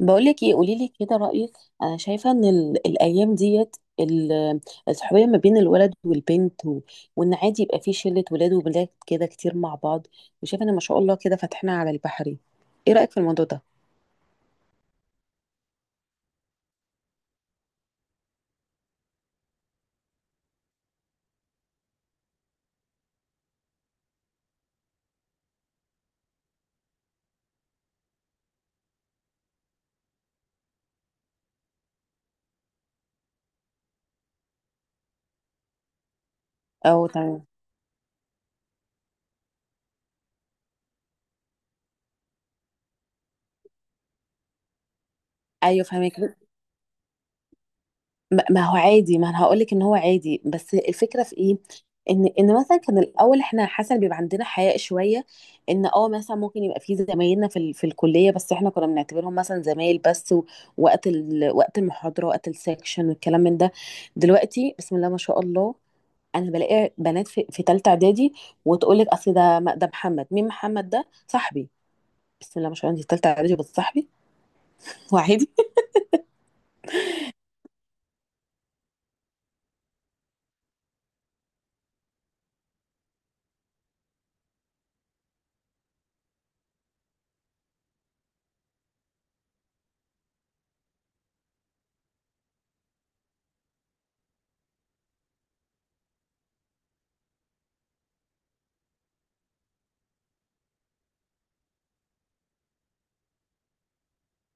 بقولك ايه، قوليلي كده رأيك. انا شايفة ان الايام ديت الصحوبية ما بين الولد والبنت وان عادي يبقى في شلة ولاد وبنات كده كتير مع بعض، وشايفة ان ما شاء الله كده فاتحنا على البحري. ايه رأيك في الموضوع ده؟ او تمام. ايوه فاهمك. ما هو عادي، ما انا هقول لك ان هو عادي، بس الفكره في ايه. ان مثلا كان الاول احنا حسن بيبقى عندنا حياء شويه، ان مثلا ممكن يبقى في زمايلنا في في الكليه، بس احنا كنا بنعتبرهم مثلا زمايل بس وقت وقت المحاضره وقت السكشن والكلام من ده. دلوقتي بسم الله ما شاء الله، انا بلاقي بنات في ثالثه اعدادي، وتقول لك اصل ده محمد. مين محمد ده؟ صاحبي. بسم الله ما شاء الله، انت في ثالثه اعدادي بس صاحبي وعادي.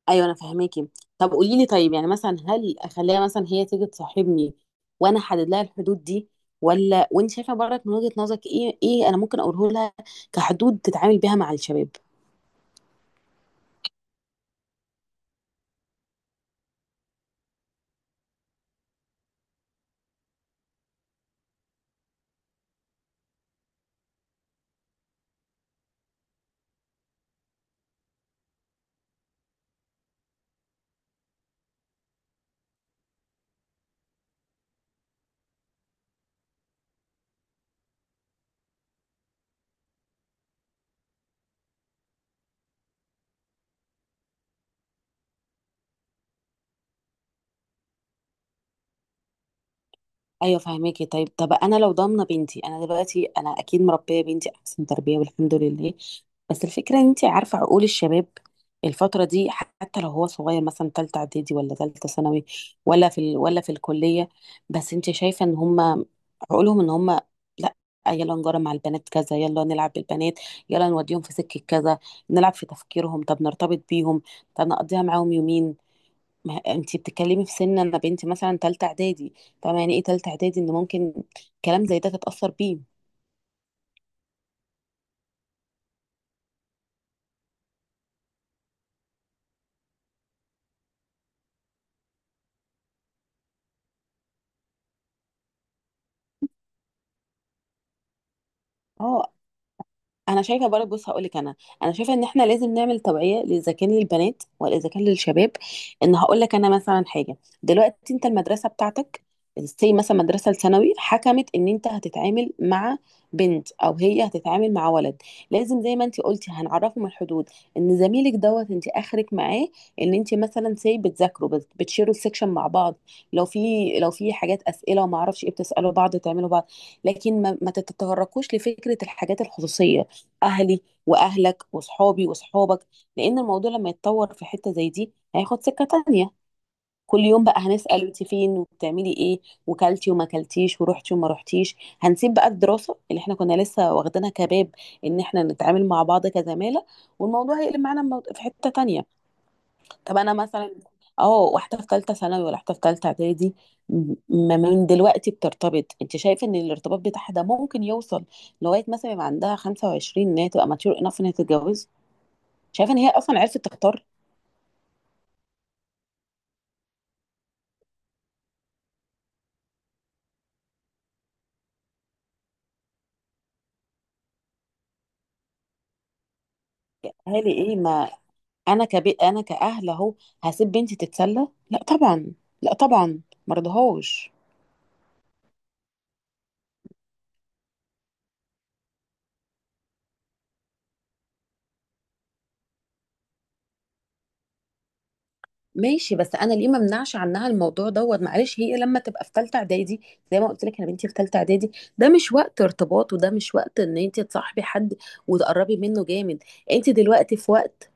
ايوه انا فاهماكي. طب قولي لي، طيب يعني مثلا هل اخليها مثلا هي تيجي تصاحبني وانا احدد لها الحدود دي، ولا وانت شايفه برضك من وجهة نظرك ايه، ايه انا ممكن اقوله لها كحدود تتعامل بيها مع الشباب؟ ايوه فهماكي. طيب، طب انا لو ضامنه بنتي، انا دلوقتي انا اكيد مربيه بنتي احسن تربيه والحمد لله، بس الفكره ان انت عارفه عقول الشباب الفتره دي، حتى لو هو صغير مثلا تالتة اعدادي ولا تالتة ثانوي ولا في الكليه، بس انت شايفه ان هم عقولهم ان هم، لا، يلا نجرى مع البنات كذا، يلا نلعب بالبنات، يلا نوديهم في سكه كذا، نلعب في تفكيرهم، طب نرتبط بيهم، طب نقضيها معاهم يومين. ما انتي بتتكلمي في سن، انا بنتي مثلا تالتة اعدادي، طبعا يعني ايه تالتة اعدادي، ان ممكن كلام زي ده تتأثر بيه. اه انا شايفه برضه، بص هقول لك انا، انا شايفه ان احنا لازم نعمل توعيه اذا كان للبنات ولا اذا كان للشباب. ان هقول لك انا مثلا حاجه، دلوقتي انت المدرسه بتاعتك زي مثلا مدرسه الثانوي حكمت ان انت هتتعامل مع بنت او هي هتتعامل مع ولد، لازم زي ما انت قلتي هنعرفهم الحدود. ان زميلك دوت انت اخرك معاه ان انت مثلا سي بتذاكروا، بتشيروا السكشن مع بعض، لو في، لو في حاجات اسئله وما اعرفش ايه بتسالوا بعض تعملوا بعض، لكن ما تتطرقوش لفكره الحاجات الخصوصيه، اهلي واهلك وصحابي وصحابك، لان الموضوع لما يتطور في حته زي دي هياخد سكه تانية. كل يوم بقى هنسال انت فين وبتعملي ايه، وكلتي وما كلتيش ورحتي وما رحتيش، هنسيب بقى الدراسه اللي احنا كنا لسه واخدينها كباب، ان احنا نتعامل مع بعض كزماله، والموضوع هيقلب معانا في حته تانية. طب انا مثلا، اه واحده في ثالثه ثانوي ولا واحده في ثالثه اعدادي، م- ما من دلوقتي بترتبط، انت شايفه ان الارتباط بتاعها ده ممكن يوصل لغايه مثلا يبقى عندها 25، ان هي تبقى ماتيور انف، ان هي تتجوز، شايفه ان هي اصلا عرفت تختار؟ اهالي ايه؟ ما انا كبيت، انا كاهل اهو، هسيب بنتي تتسلى؟ لا طبعا. لا طبعا، مرضهوش. ماشي، بس انا ليه ما امنعش عنها الموضوع دوت؟ معلش، هي لما تبقى في ثالثه اعدادي، زي ما قلت لك انا بنتي في ثالثه اعدادي، ده مش وقت ارتباط وده مش وقت ان انت تصاحبي حد وتقربي منه جامد. انت دلوقتي في وقت،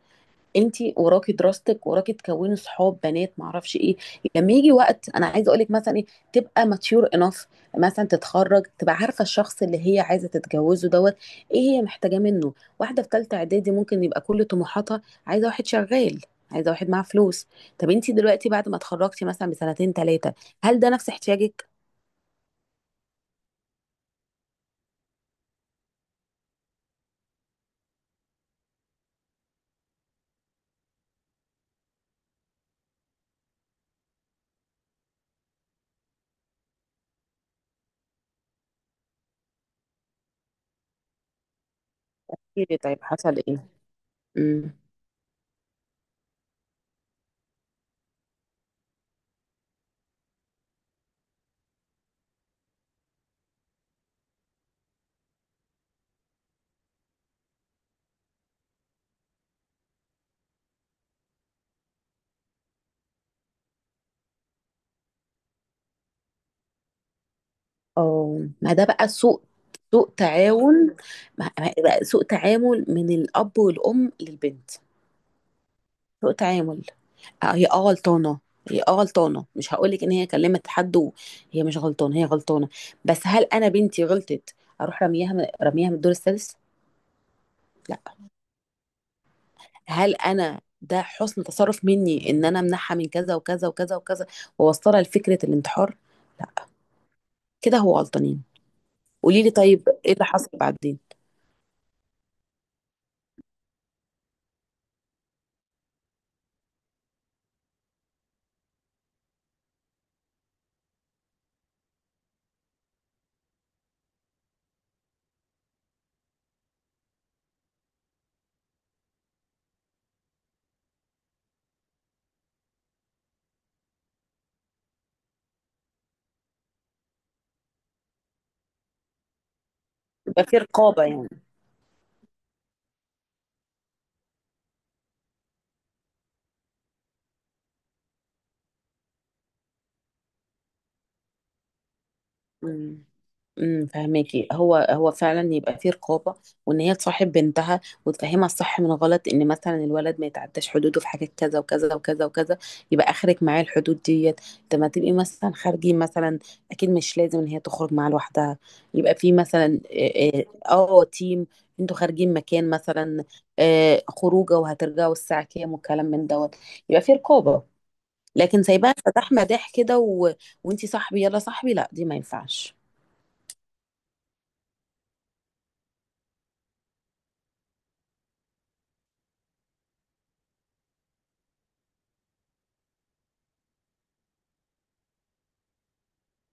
انتي وراكي دراستك، وراكي تكوني صحاب بنات معرفش ايه. لما يجي وقت انا عايزه اقولك مثلا ايه، تبقى ماتيور انف مثلا، تتخرج تبقى عارفه الشخص اللي هي عايزه تتجوزه دوت، ايه هي محتاجاه منه. واحده في ثالثه اعدادي ممكن يبقى كل طموحاتها عايزه واحد شغال، عايزه واحد معاه فلوس. طب انتي دلوقتي بعد ما اتخرجتي مثلا بسنتين 3، هل ده نفس احتياجك؟ طيب حصل ايه؟ امم اه ما ده بقى سوء. سوء تعاون. بقى سوء تعامل من الأب والأم للبنت. سوء تعامل. هي اه غلطانة، هي اه غلطانة، مش هقولك ان هي كلمت حد وهي مش غلطانة، هي غلطانة، بس هل انا بنتي غلطت اروح رميها من من الدور السادس؟ لا. هل انا ده حسن تصرف مني ان انا امنعها من كذا وكذا وكذا وكذا واوصلها لفكرة الانتحار؟ لا، كده هو غلطانين. قولي لي طيب، ايه اللي حصل بعدين؟ يبقى في رقابة يعني. مم. فهماكي، هو هو فعلا يبقى فيه رقابه، وان هي تصاحب بنتها وتفهمها الصح من غلط، ان مثلا الولد ما يتعداش حدوده في حاجات كذا وكذا وكذا وكذا، يبقى اخرك معاه الحدود ديت. لما تبقي مثلا خارجين مثلا، اكيد مش لازم ان هي تخرج معاه لوحدها، يبقى في مثلا تيم، انتوا خارجين مكان مثلا، آه خروجه وهترجعوا الساعه كام والكلام من دوت، يبقى فيه رقابه. لكن سايباها فتح مداح كده وانتي صاحبي يلا صاحبي، لا دي ما ينفعش.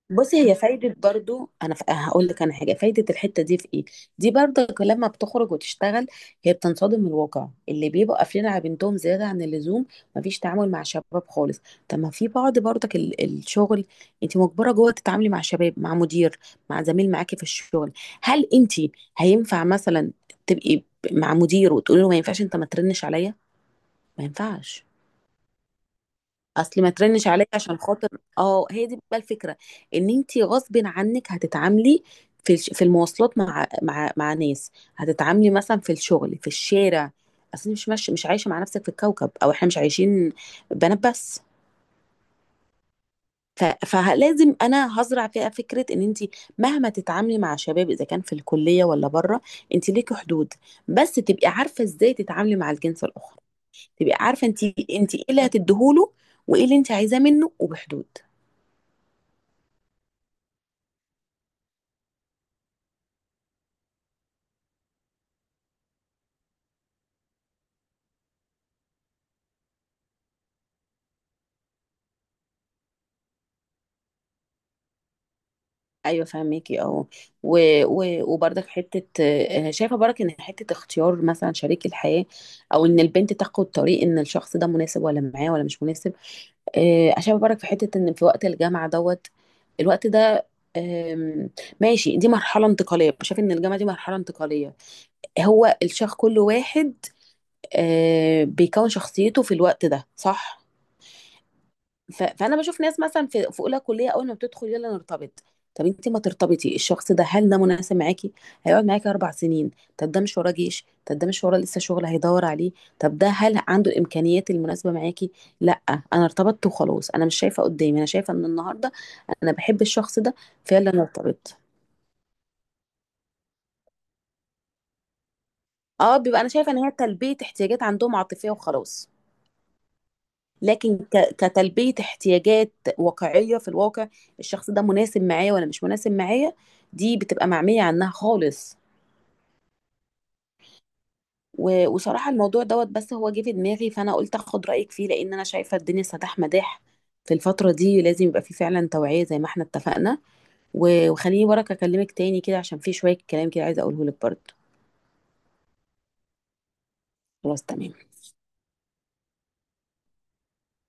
بصي هي فايدة برضو، أنا هقول لك أنا حاجة، فايدة الحتة دي في إيه؟ دي برضك لما بتخرج وتشتغل، هي بتنصدم من الواقع اللي بيبقوا قافلين على بنتهم زيادة عن اللزوم، مفيش تعامل مع شباب خالص. طب ما في بعض برضك الشغل أنت مجبرة جوه تتعاملي مع شباب، مع مدير، مع زميل معاكي في الشغل. هل أنت هينفع مثلا تبقي مع مدير وتقولي له ما ينفعش أنت ما ترنش عليا؟ ما ينفعش. اصل ما ترنش عليا عشان خاطر. اه، هي دي بقى الفكره، ان انت غصب عنك هتتعاملي في في المواصلات مع مع ناس، هتتعاملي مثلا في الشغل، في الشارع، اصل مش عايشه مع نفسك في الكوكب، او احنا مش عايشين بنات بس. فلازم انا هزرع فيها فكره ان انت مهما تتعاملي مع شباب اذا كان في الكليه ولا بره انت ليكي حدود، بس تبقي عارفه ازاي تتعاملي مع الجنس الاخر، تبقي عارفه انت، انت ايه اللي هتديهوله وايه اللي انت عايزاه منه، وبحدود. ايوه فاهميكي اه. و... وبرضك حته آه، شايفه برضك ان حته اختيار مثلا شريك الحياه، او ان البنت تاخد طريق ان الشخص ده مناسب ولا معاه ولا مش مناسب، آه شايفه برضك في حته ان في وقت الجامعه دوت، الوقت ده، آم، ماشي، دي مرحله انتقاليه، شايفه ان الجامعه دي مرحله انتقاليه، هو الشخص كل واحد آه بيكون شخصيته في الوقت ده، صح؟ فانا بشوف ناس مثلا في اولى كليه اول ما بتدخل يلا نرتبط. طب انت ما ترتبطي، الشخص ده هل ده مناسب معاكي، هيقعد معاكي 4 سنين، طب ده مش وراه جيش، طب ده مش وراه لسه شغل هيدور عليه، طب ده هل عنده الامكانيات المناسبه معاكي؟ لا، انا ارتبطت وخلاص، انا مش شايفه قدامي، انا شايفه ان النهارده انا بحب الشخص ده فيلا نرتبط. اه بيبقى انا شايفه ان هي تلبيه احتياجات عندهم عاطفيه وخلاص، لكن كتلبية احتياجات واقعية في الواقع، الشخص ده مناسب معايا ولا مش مناسب معايا، دي بتبقى معمية عنها خالص. وصراحة الموضوع دوت بس هو جه في دماغي، فأنا قلت أخد رأيك فيه، لأن أنا شايفة الدنيا سداح مداح في الفترة دي، لازم يبقى في فعلا توعية زي ما احنا اتفقنا. وخليني وراك أكلمك تاني كده، عشان في شوية كلام كده عايزة أقوله لك برضه. خلاص تمام.